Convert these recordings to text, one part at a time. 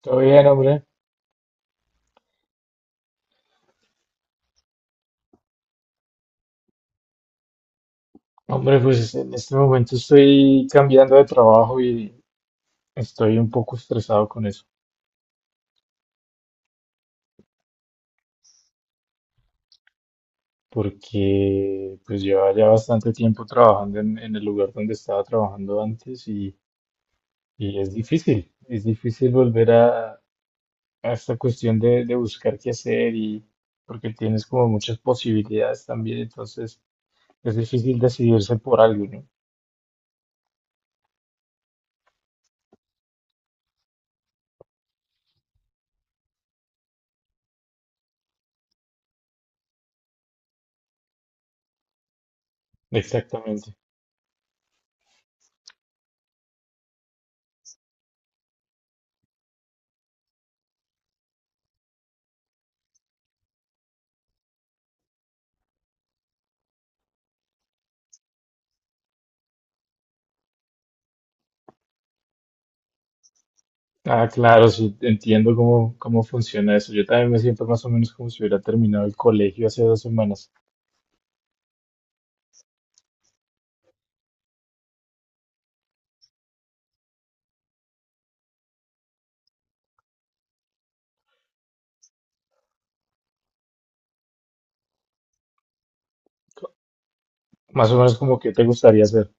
Todo bien, hombre. Hombre, pues en este momento estoy cambiando de trabajo y estoy un poco estresado con eso, porque pues lleva ya bastante tiempo trabajando en el lugar donde estaba trabajando antes y es difícil volver a esta cuestión de buscar qué hacer y porque tienes como muchas posibilidades también, entonces es difícil decidirse por algo, ¿no? Exactamente. Ah, claro, sí, entiendo cómo, cómo funciona eso. Yo también me siento más o menos como si hubiera terminado el colegio hace 2 semanas. Más o menos como que te gustaría ser.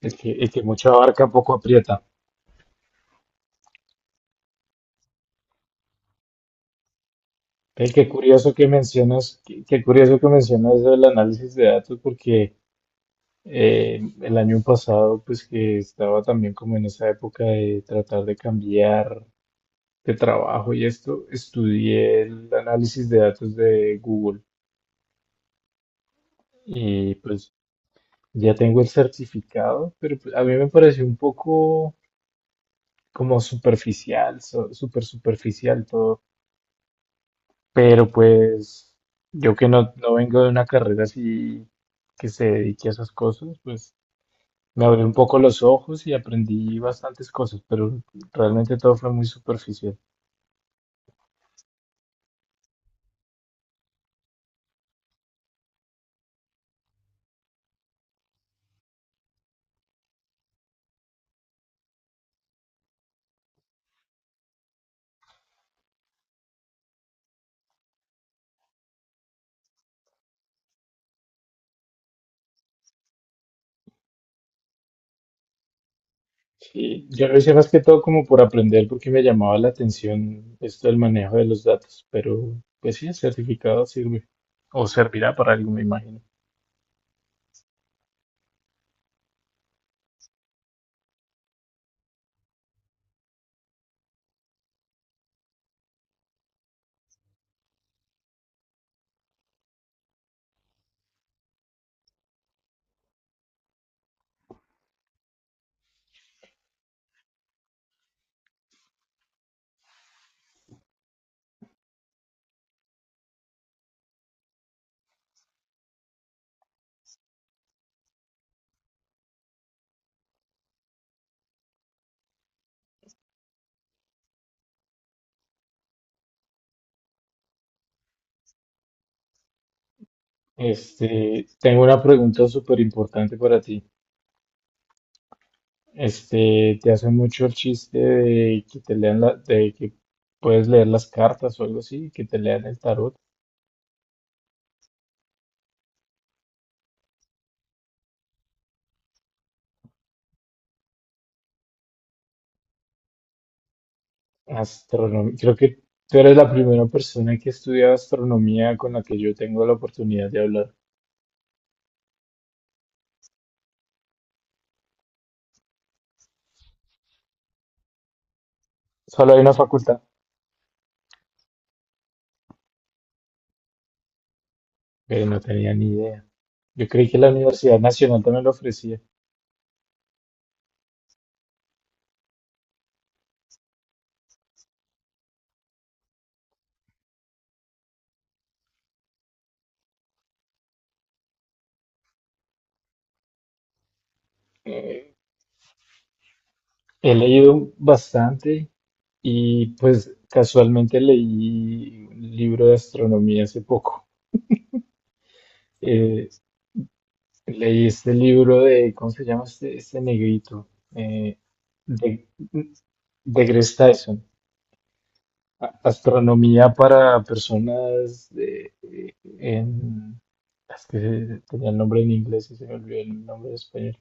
El que mucho abarca, poco aprieta. El que curioso que mencionas, qué, qué curioso que mencionas el análisis de datos, porque el año pasado, pues que estaba también como en esa época de tratar de cambiar de trabajo y esto, estudié el análisis de datos de Google. Y pues ya tengo el certificado, pero pues a mí me pareció un poco como superficial, súper superficial todo. Pero pues yo que no vengo de una carrera así que se dedique a esas cosas, pues me abrí un poco los ojos y aprendí bastantes cosas, pero realmente todo fue muy superficial. Sí, yo lo hice más que todo como por aprender porque me llamaba la atención esto del manejo de los datos, pero pues sí, el certificado sirve o servirá para algo, me imagino. Este, tengo una pregunta súper importante para ti. Este, te hacen mucho el chiste de que te lean la, de que puedes leer las cartas o algo así, que te lean el tarot. Astronomía. Creo que tú eres la primera persona que estudia astronomía con la que yo tengo la oportunidad de hablar. Solo hay una facultad, pero no tenía ni idea. Yo creí que la Universidad Nacional también lo ofrecía. Eh, He leído bastante. Y pues casualmente leí un libro de astronomía hace poco. Eh, leí este libro de, ¿cómo se llama este, este negrito? Eh, de, de Greg Tyson. Astronomía para personas de, en... Es que tenía el nombre en inglés y se me olvidó el nombre en español.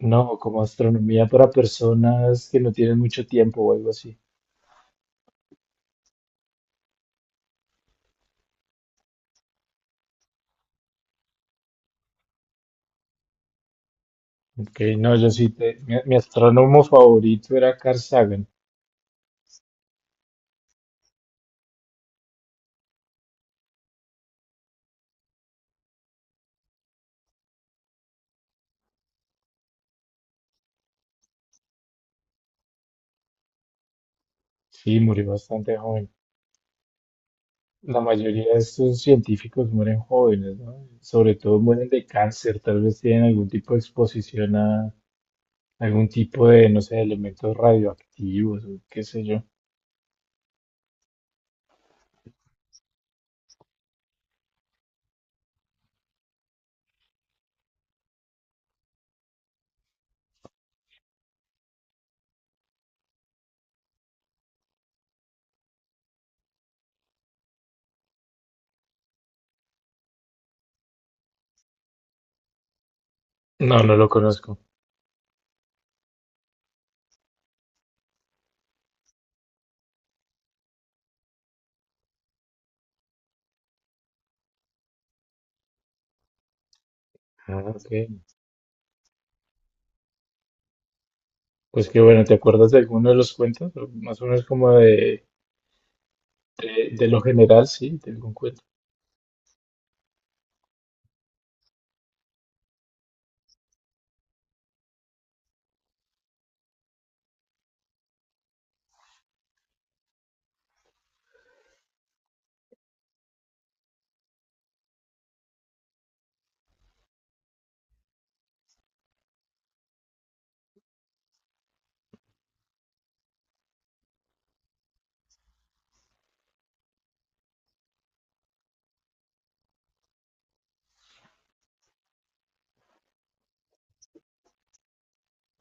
No, como astronomía para personas que no tienen mucho tiempo o algo así. Ok, no, yo sí, mi, mi astrónomo favorito era Carl Sagan. Sí, murió bastante joven. La mayoría de estos científicos mueren jóvenes, ¿no? Sobre todo mueren de cáncer, tal vez tienen algún tipo de exposición a algún tipo de, no sé, elementos radioactivos o qué sé yo. No, no lo conozco. Ah, ok, pues que bueno, ¿te acuerdas de alguno de los cuentos? O más o menos como de lo general, sí, de algún cuento.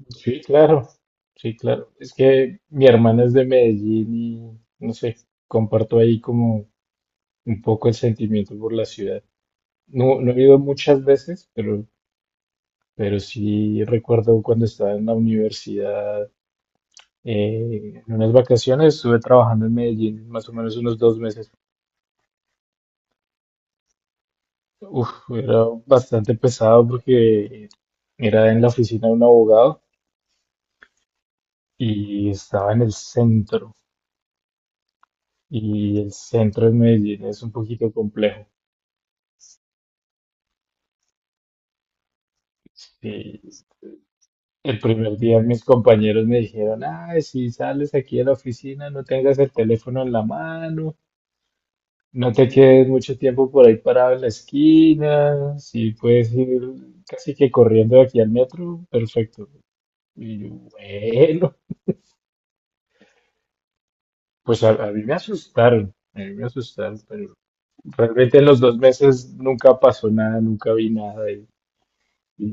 Sí, claro, sí, claro. Es que mi hermana es de Medellín y, no sé, comparto ahí como un poco el sentimiento por la ciudad. No, no he ido muchas veces, pero sí recuerdo cuando estaba en la universidad, en unas vacaciones, estuve trabajando en Medellín más o menos unos 2 meses. Uf, era bastante pesado porque era en la oficina de un abogado y estaba en el centro. Y el centro de Medellín es un poquito complejo. Y el primer día mis compañeros me dijeron, ay, si sales aquí de la oficina, no tengas el teléfono en la mano. No te quedes mucho tiempo por ahí parado en la esquina. Si puedes ir casi que corriendo de aquí al metro, perfecto. Y yo, bueno, pues a mí me asustaron, a mí me asustaron, pero realmente en los 2 meses nunca pasó nada, nunca vi nada. Y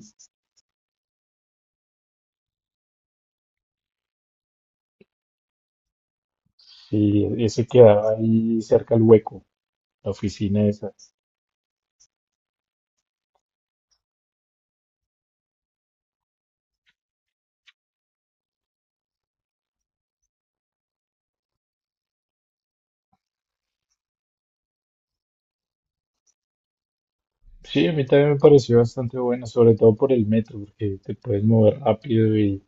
sí, ese quedaba ahí cerca al hueco, la oficina esa. Sí, a mí también me pareció bastante bueno, sobre todo por el metro, porque te puedes mover rápido y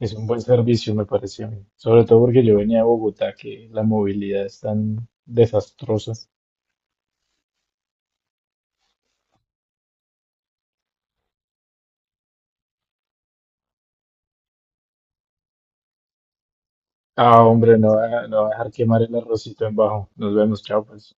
es un buen servicio, me pareció, a mí. Sobre todo porque yo venía de Bogotá, que la movilidad es tan desastrosa. Ah, hombre, no va, no va a dejar quemar el arrocito en bajo. Nos vemos, chao, pues.